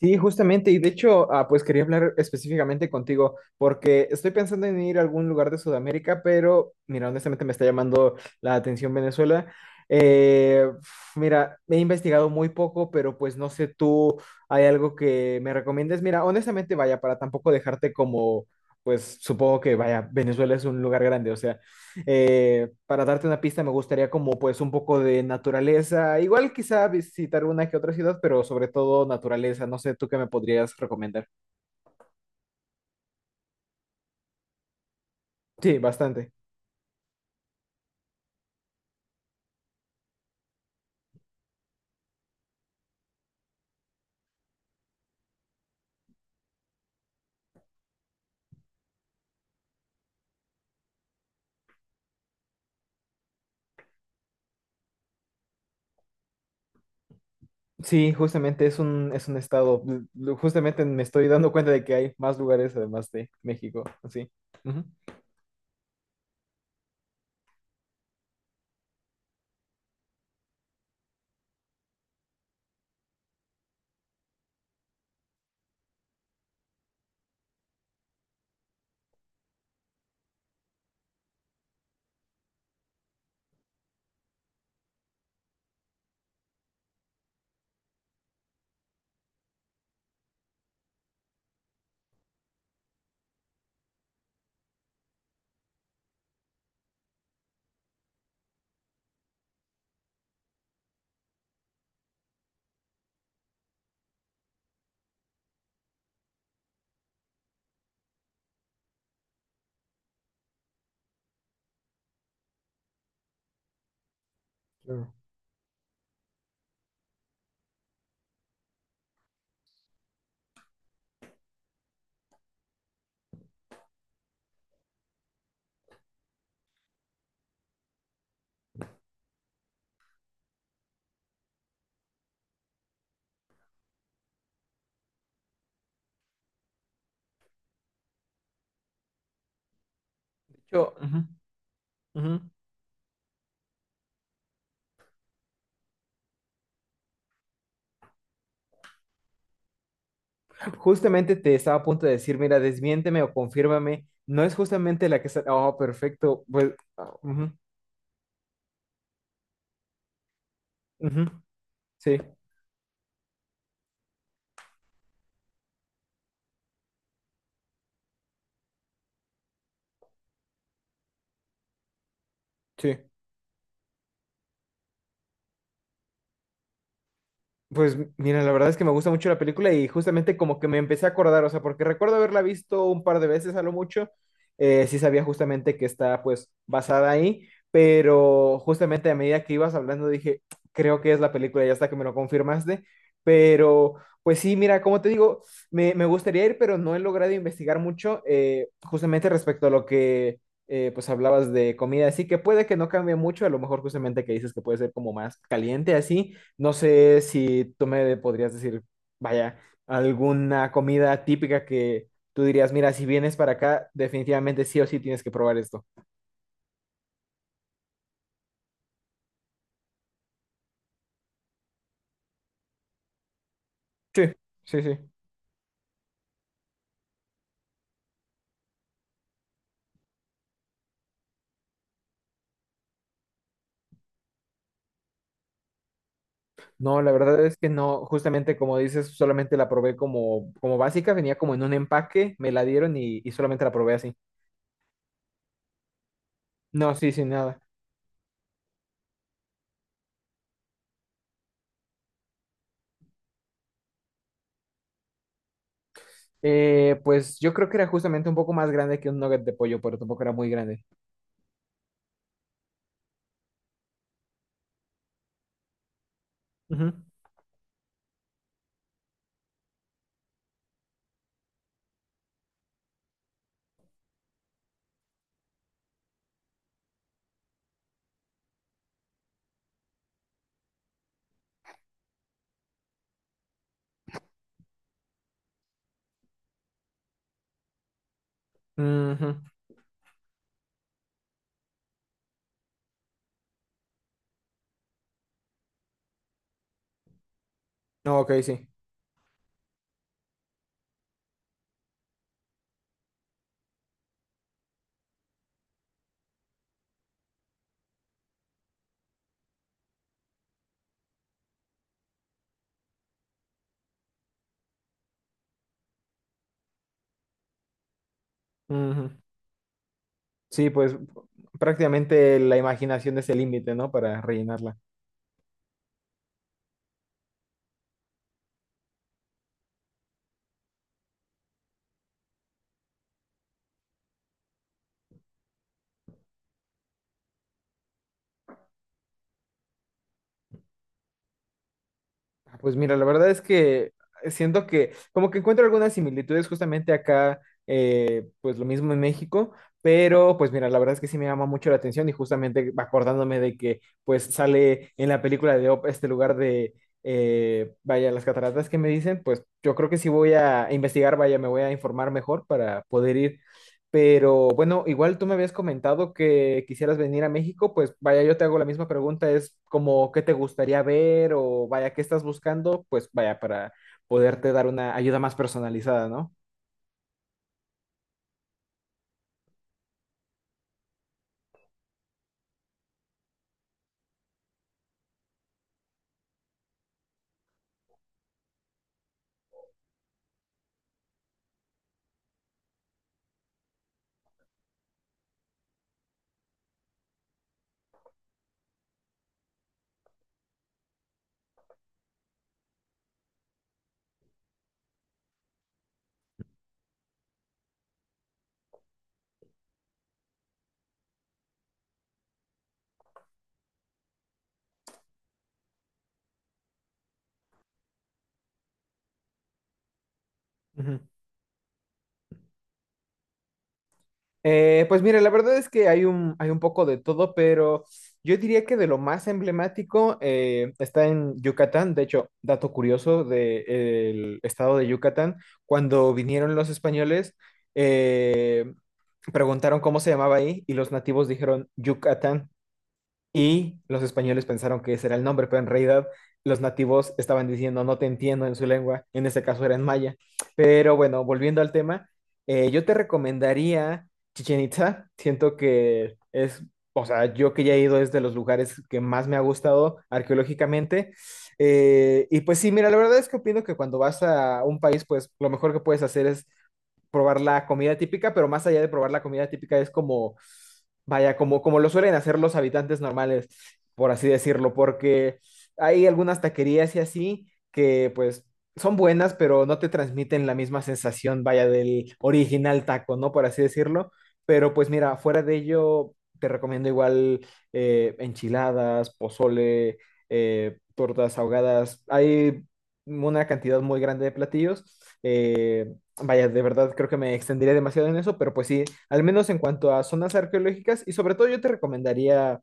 Sí, justamente, y de hecho, pues quería hablar específicamente contigo, porque estoy pensando en ir a algún lugar de Sudamérica, pero mira, honestamente me está llamando la atención Venezuela. Mira, he investigado muy poco, pero pues no sé tú, ¿hay algo que me recomiendes? Mira, honestamente, vaya, para tampoco dejarte como, pues supongo que, vaya, Venezuela es un lugar grande, o sea, para darte una pista, me gustaría como pues un poco de naturaleza, igual quizá visitar una que otra ciudad, pero sobre todo naturaleza, no sé, ¿tú qué me podrías recomendar? Sí, bastante. Sí, justamente es un estado, justamente me estoy dando cuenta de que hay más lugares además de México, así. Ujú. Claro. Yo, ujú, ujú. Justamente te estaba a punto de decir, mira, desmiénteme o confírmame, no es justamente la que está, oh, perfecto, pues, ah, ujú, ujú. Sí, sí. Pues mira, la verdad es que me gusta mucho la película y justamente como que me empecé a acordar, o sea, porque recuerdo haberla visto un par de veces a lo mucho, sí sabía justamente que está pues basada ahí, pero justamente a medida que ibas hablando dije, creo que es la película y hasta que me lo confirmaste, pero pues sí, mira, como te digo, me gustaría ir, pero no he logrado investigar mucho justamente respecto a lo que pues hablabas de comida, así que puede que no cambie mucho, a lo mejor justamente que dices que puede ser como más caliente así. No sé si tú me podrías decir, vaya, alguna comida típica que tú dirías, mira, si vienes para acá, definitivamente sí o sí tienes que probar esto. Sí, sí, sí. No, la verdad es que no, justamente como dices, solamente la probé como, como básica, venía como en un empaque, me la dieron y solamente la probé así. No, sí, sin nada. Pues yo creo que era justamente un poco más grande que un nugget de pollo, pero tampoco era muy grande. Ujú. Ujú. No, ok, sí. Ujú. Sí, pues prácticamente la imaginación es el límite, ¿no? Para rellenarla. Ah, pues mira, la verdad es que siento que como que encuentro algunas similitudes justamente acá, pues lo mismo en México, pero pues mira, la verdad es que sí me llama mucho la atención y justamente acordándome de que pues sale en la película de Op este lugar de, vaya, las cataratas que me dicen, pues yo creo que sí voy a investigar, vaya, me voy a informar mejor para poder ir. Pero bueno, igual tú me habías comentado que quisieras venir a México, pues vaya, yo te hago la misma pregunta, es como qué te gustaría ver o vaya, qué estás buscando, pues vaya, para poderte dar una ayuda más personalizada, ¿no? Ujú. Pues mira, la verdad es que hay un poco de todo, pero yo diría que de lo más emblemático está en Yucatán. De hecho, dato curioso del estado de Yucatán, cuando vinieron los españoles, eh, preguntaron cómo se llamaba ahí y los nativos dijeron Yucatán y los españoles pensaron que ese era el nombre, pero en realidad los nativos estaban diciendo no te entiendo en su lengua, en ese caso era en maya. Pero bueno, volviendo al tema, yo te recomendaría Chichen Itza, siento que es, o sea, yo que ya he ido es de los lugares que más me ha gustado arqueológicamente. Y pues sí, mira, la verdad es que opino que cuando vas a un país, pues lo mejor que puedes hacer es probar la comida típica, pero más allá de probar la comida típica es como vaya, como, como lo suelen hacer los habitantes normales, por así decirlo, porque hay algunas taquerías y así que pues son buenas, pero no te transmiten la misma sensación, vaya, del original taco, ¿no? Por así decirlo. Pero pues mira, fuera de ello, te recomiendo igual enchiladas, pozole, tortas ahogadas. Hay una cantidad muy grande de platillos. eh, Vaya, de verdad creo que me extendería demasiado en eso, pero pues sí, al menos en cuanto a zonas arqueológicas y sobre todo yo te recomendaría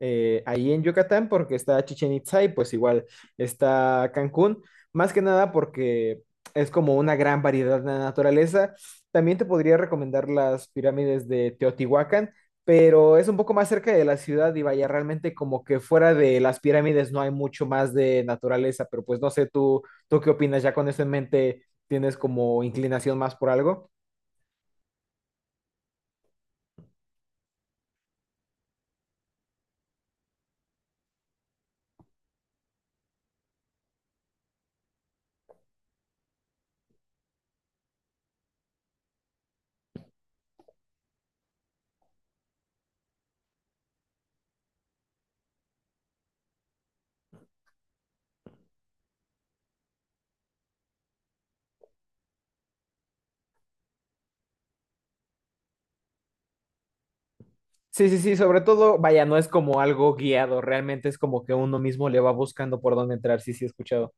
ahí en Yucatán porque está Chichen Itzá y pues igual está Cancún, más que nada porque es como una gran variedad de la naturaleza. También te podría recomendar las pirámides de Teotihuacán, pero es un poco más cerca de la ciudad y vaya, realmente como que fuera de las pirámides no hay mucho más de naturaleza, pero pues no sé tú, tú qué opinas ya con eso en mente tienes como inclinación más por algo. Sí, sí, sí, sobre todo, vaya, no es como algo guiado, realmente es como que uno mismo le va buscando por dónde entrar, sí, sí, he escuchado.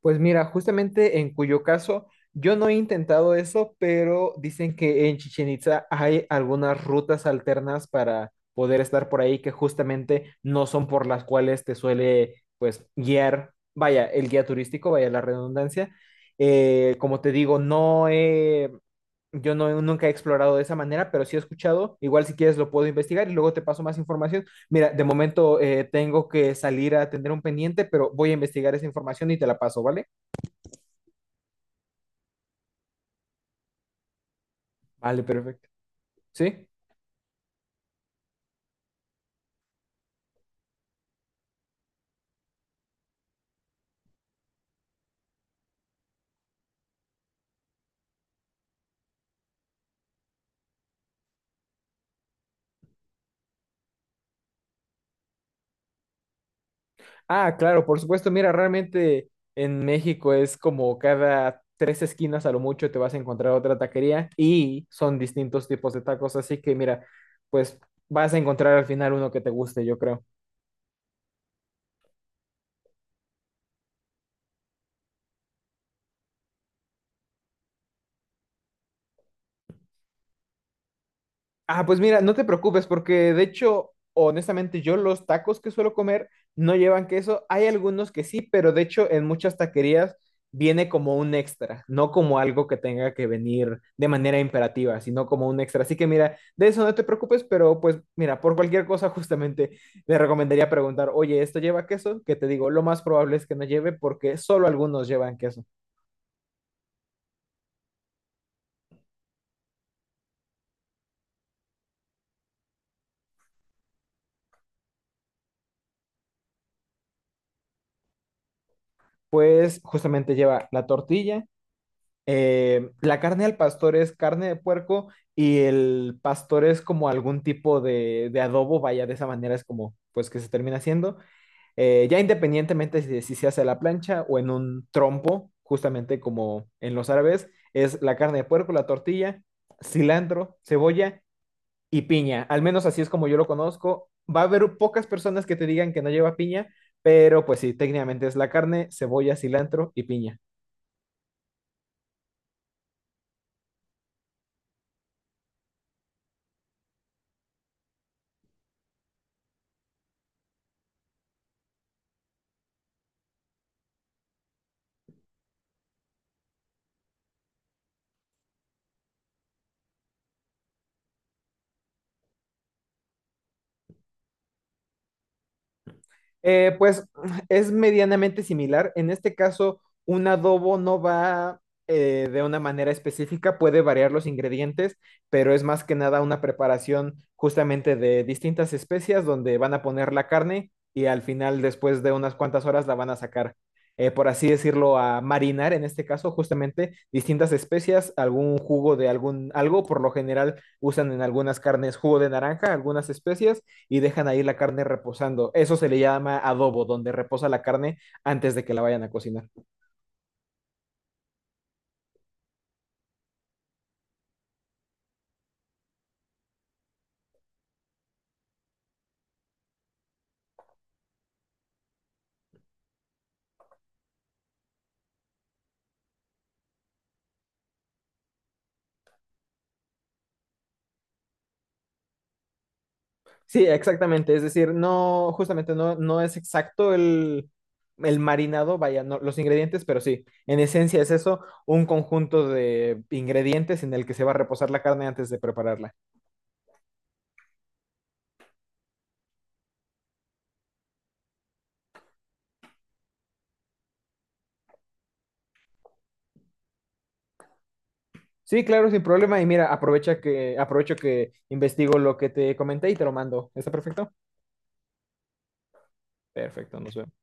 Pues mira, justamente en cuyo caso yo no he intentado eso, pero dicen que en Chichen Itza hay algunas rutas alternas para poder estar por ahí que justamente no son por las cuales te suele pues guiar, vaya, el guía turístico, vaya la redundancia. Como te digo, no he. Yo no, nunca he explorado de esa manera, pero sí he escuchado. Igual si quieres lo puedo investigar y luego te paso más información. Mira, de momento tengo que salir a atender un pendiente, pero voy a investigar esa información y te la paso, ¿vale? Vale, perfecto. ¿Sí? Ah, claro, por supuesto. Mira, realmente en México es como cada tres esquinas a lo mucho te vas a encontrar otra taquería y son distintos tipos de tacos. Así que mira, pues vas a encontrar al final uno que te guste, yo creo. Ah, pues mira, no te preocupes porque de hecho, honestamente, yo los tacos que suelo comer no llevan queso. Hay algunos que sí, pero de hecho en muchas taquerías viene como un extra, no como algo que tenga que venir de manera imperativa, sino como un extra. Así que mira, de eso no te preocupes, pero pues mira, por cualquier cosa justamente te recomendaría preguntar, oye, ¿esto lleva queso? Que te digo, lo más probable es que no lleve porque solo algunos llevan queso. Pues justamente lleva la tortilla la carne al pastor es carne de puerco y el pastor es como algún tipo de adobo, vaya, de esa manera es como pues que se termina haciendo, ya independientemente si se hace a la plancha o en un trompo, justamente como en los árabes, es la carne de puerco, la tortilla, cilantro, cebolla y piña, al menos así es como yo lo conozco, va a haber pocas personas que te digan que no lleva piña, pero pues sí, técnicamente es la carne, cebolla, cilantro y piña. Pues es medianamente similar. En este caso, un adobo no va de una manera específica, puede variar los ingredientes, pero es más que nada una preparación justamente de distintas especias donde van a poner la carne y al final, después de unas cuantas horas, la van a sacar, por así decirlo, a marinar, en este caso, justamente distintas especias, algún jugo de algún algo, por lo general usan en algunas carnes jugo de naranja, algunas especias y dejan ahí la carne reposando. Eso se le llama adobo, donde reposa la carne antes de que la vayan a cocinar. Sí, exactamente. Es decir, no, justamente no, no es exacto el marinado, vaya, no, los ingredientes, pero sí, en esencia es eso, un conjunto de ingredientes en el que se va a reposar la carne antes de prepararla. Sí, claro, sin problema. Y mira, aprovecha que, aprovecho que investigo lo que te comenté y te lo mando. ¿Está perfecto? Perfecto, nos vemos.